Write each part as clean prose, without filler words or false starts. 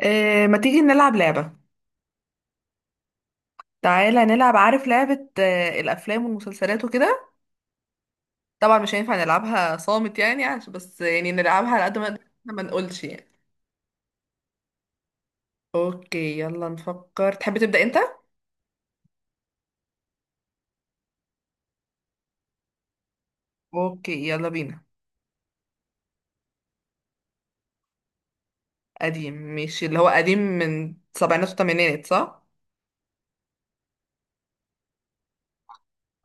ما تيجي نلعب لعبة. تعالى نلعب، عارف لعبة الأفلام والمسلسلات وكده. طبعا مش هينفع نلعبها صامت يعني، عشان بس يعني نلعبها على قد ما نقدر، إحنا ما نقولش يعني. اوكي يلا نفكر، تحب تبدأ انت؟ اوكي يلا بينا. قديم ماشي، اللي هو قديم من سبعينات وثمانينات صح؟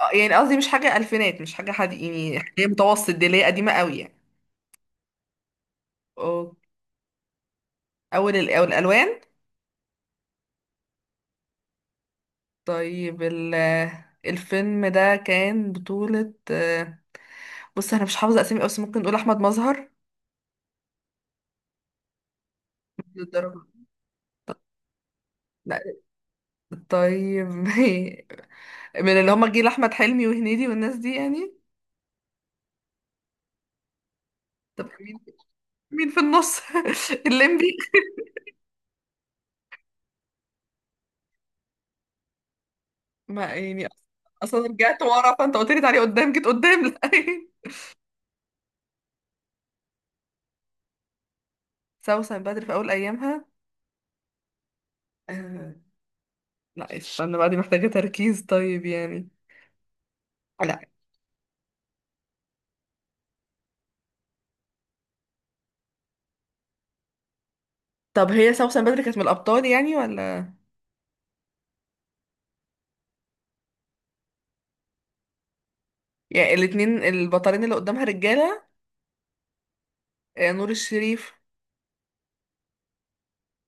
يعني قصدي مش حاجة ألفينات، مش حاجة حد يعني حاجة متوسط، دي اللي هي قديمة قوي يعني. أوكي. أول الألوان. طيب الفيلم ده كان بطولة بص انا مش حافظه اسامي قوي، بس ممكن نقول احمد مظهر. للدرجة. لا. طيب من اللي هما جيل احمد حلمي وهنيدي والناس دي يعني. طب مين، مين في النص؟ الليمبي. ما يعني اصلا رجعت ورا فانت قلت لي تعالي قدام، جيت قدام، لا سوسن بدر في اول ايامها. آه، لا استنى بقى، دي محتاجه تركيز طيب يعني. لا. طب هي سوسن بدر كانت من الابطال يعني ولا؟ يعني الاتنين البطلين اللي قدامها رجاله. نور الشريف.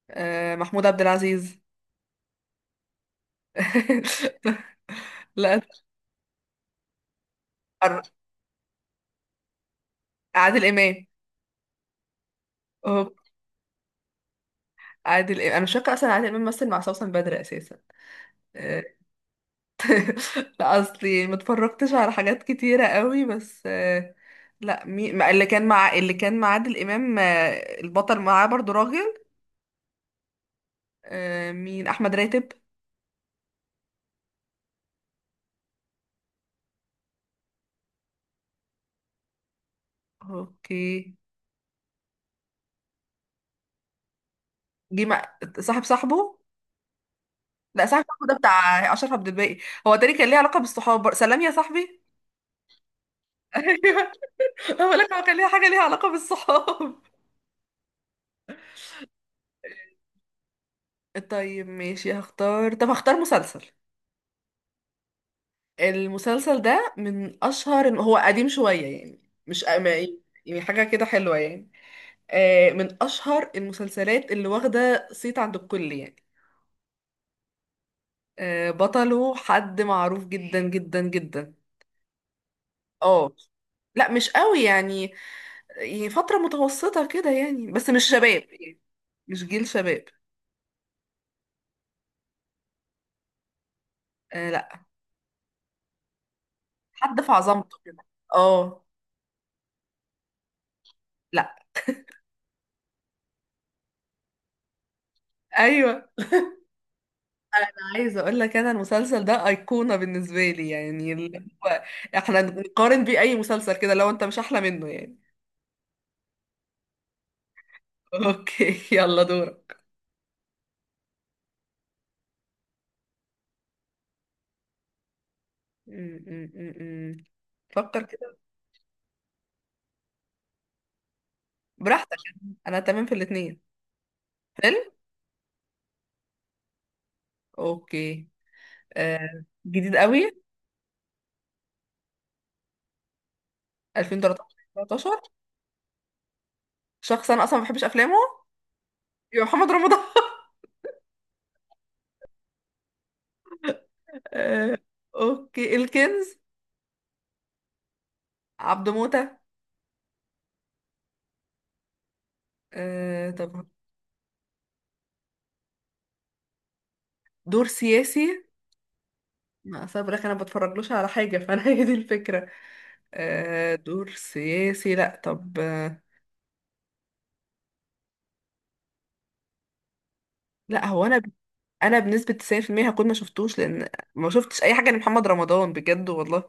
محمود عبد العزيز. لا. أر- عادل امام. أهو، عادل امام انا مش فاكره اصلا عادل امام مثل مع سوسن بدر اساسا. آه، لا اصلي ما اتفرجتش على حاجات كتيره قوي بس. آه، لا مي... ما- اللي كان مع عادل امام. البطل معاه برضو راجل. مين، احمد راتب؟ اوكي. جه مع صاحب صاحبه. لا، صاحب صاحبه ده بتاع اشرف عبد الباقي. هو تاني كان ليه علاقه بالصحاب، سلام يا صاحبي ايوه، هو لك هو كان ليه حاجه ليها علاقه بالصحاب. طيب ماشي هختار، طب هختار مسلسل. المسلسل ده من اشهر، إن هو قديم شوية يعني. مش ما- يعني، يعني حاجة كده حلوة يعني. من اشهر المسلسلات اللي واخدة صيت عند الكل يعني. بطله حد معروف جدا جدا جدا. اه، لا مش قوي يعني. يعني فترة متوسطة كده يعني، بس مش شباب يعني، مش جيل شباب. آه لا. حد في عظمته كده. اه. لا. ايوه. عايزه اقول لك انا المسلسل ده ايقونه بالنسبه لي، يعني اللي هو احنا نقارن بيه اي مسلسل كده لو انت مش احلى منه يعني. اوكي يلا دورك. م- م- م- م. فكر كده. براحتك. انا تمام في الاثنين. فيلم. اوكي. آه. جديد قوي. 2013. 13. شخص انا اصلا ما بحبش افلامه، يبقى محمد رمضان آه. اوكي، الكنز. عبده موتة. آه. طب. دور سياسي. ما صبرك، انا بتفرجلوش على حاجه فانا هي دي الفكره. آه دور سياسي، لا طب آه. لا هو انا انا بنسبة 90% هكون ما شفتوش، لان ما شفتش اي حاجة لمحمد رمضان بجد والله.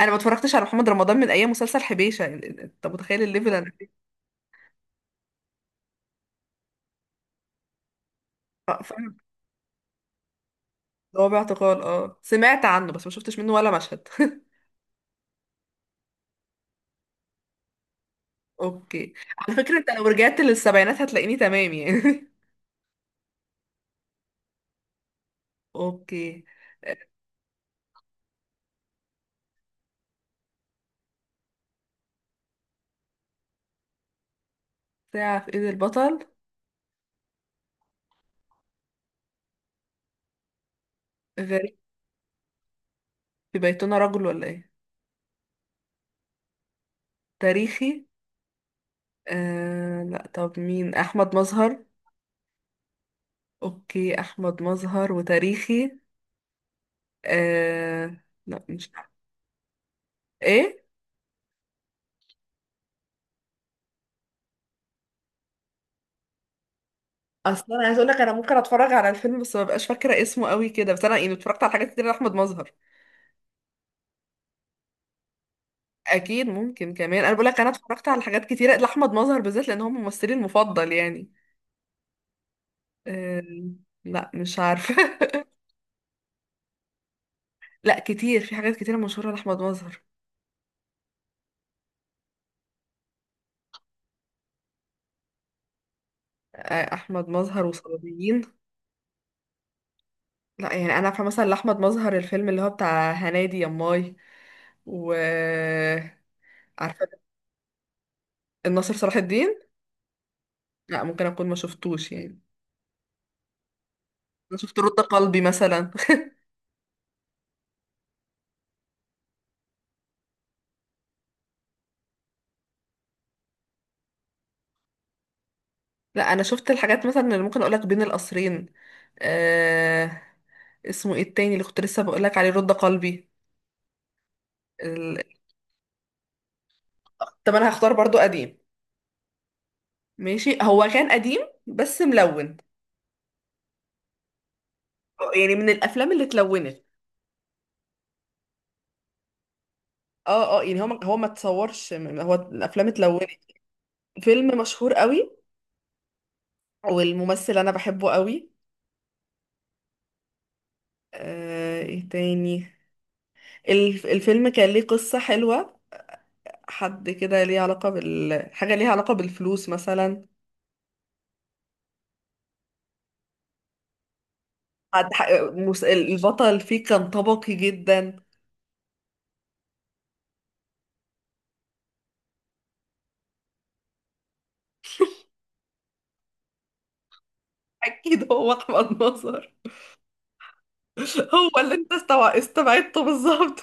انا ما اتفرجتش على محمد رمضان من ايام مسلسل حبيشة، يعني انت متخيل الليفل انا فيه؟ اه فاهم. هو باعتقال، اه سمعت عنه بس ما شفتش منه ولا مشهد اوكي. على فكرة انت لو رجعت للسبعينات هتلاقيني تمام يعني. اوكي. ساعة في ايد البطل. غريب. في بيتنا رجل ولا ايه؟ تاريخي. آه لا، طب مين، احمد مظهر؟ اوكي احمد مظهر وتاريخي. آه... لا مش ايه. اصلا انا عايز اقول لك انا ممكن اتفرج على الفيلم بس ما بقاش فاكره اسمه قوي كده، بس انا يعني اتفرجت على حاجات كتير لاحمد مظهر. اكيد ممكن كمان، انا بقول لك انا اتفرجت على حاجات كتير لاحمد مظهر بالذات لان هو ممثلي المفضل يعني. آه... لا مش عارفه. لا كتير، في حاجات كتير مشهوره لاحمد مظهر. آه... احمد مظهر وصليبيين. لا، يعني انا عارفه مثلا لاحمد مظهر الفيلم اللي هو بتاع هنادي يا ماي، و عارفه الناصر صلاح الدين. لا ممكن اكون ما شفتوش يعني. انا شفت رد قلبي مثلا لا انا شفت الحاجات مثلا اللي ممكن اقولك بين القصرين. آه... اسمه ايه التاني اللي كنت لسه بقولك عليه، رد قلبي. ال... طب انا هختار برضو قديم. ماشي، هو كان قديم بس ملون. يعني من الافلام اللي اتلونت. اه اه، يعني هو ما اتصورش، هو الافلام اتلونت. فيلم مشهور قوي. والممثل انا بحبه قوي. آه... ايه تاني؟ الفيلم كان ليه قصة حلوة. حد كده ليه علاقة بال، حاجة ليها علاقة بالفلوس مثلا. البطل فيه كان طبقي جدا. أكيد هو أحمد نصر هو اللي أنت استبعدته بالظبط.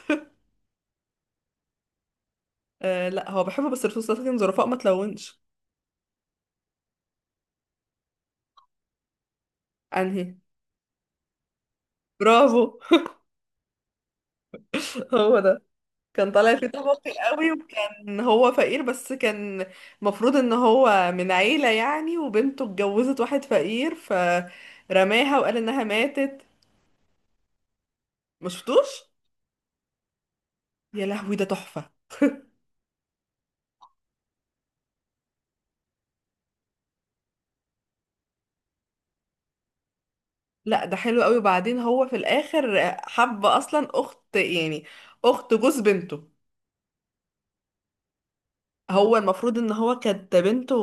آه لا، هو بحبه بس الفلوس لكن ظرفاء ما تلونش. أنهي؟ برافو. هو ده. كان طالع فيه طبقي قوي، وكان هو فقير بس كان المفروض ان هو من عيلة يعني. وبنته اتجوزت واحد فقير فرماها وقال انها ماتت. مشفتوش؟ يا لهوي ده تحفة. لا ده حلو قوي، وبعدين هو في الاخر حب اصلا اخت يعني، اخت جوز بنته. هو المفروض ان هو كانت بنته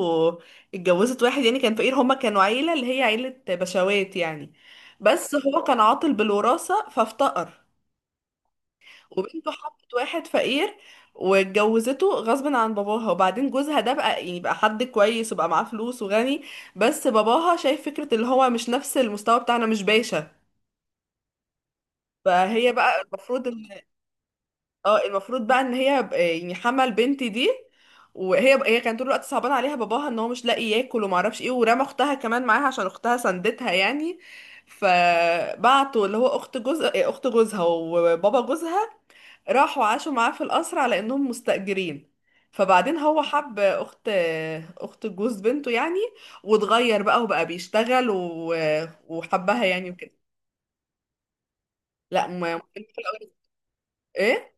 اتجوزت واحد يعني كان فقير، هما كانوا عيلة اللي هي عيلة بشوات يعني، بس هو كان عاطل بالوراثة فافتقر. وبنته حبت واحد فقير واتجوزته غصب عن باباها، وبعدين جوزها ده بقى يعني بقى حد كويس وبقى معاه فلوس وغني. بس باباها شايف فكرة اللي هو مش نفس المستوى بتاعنا، مش باشا. فهي بقى المفروض ان، اه المفروض بقى ان يعني حمل بنتي دي. وهي كانت طول الوقت صعبان عليها باباها ان هو مش لاقي ياكل وما اعرفش ايه، ورمى اختها كمان معاها عشان اختها سندتها يعني. فبعتوا اللي هو اخت جوزها وبابا جوزها راحوا عاشوا معاه في القصر على انهم مستأجرين. فبعدين هو حب اخت، اخت جوز بنته يعني. واتغير بقى وبقى بيشتغل و... وحبها يعني وكده. لا ما. ايه.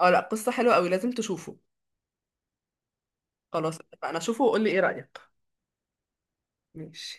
اه لا، قصة حلوة قوي لازم تشوفه. خلاص اتفقنا، شوفه وقول لي ايه رأيك. ماشي.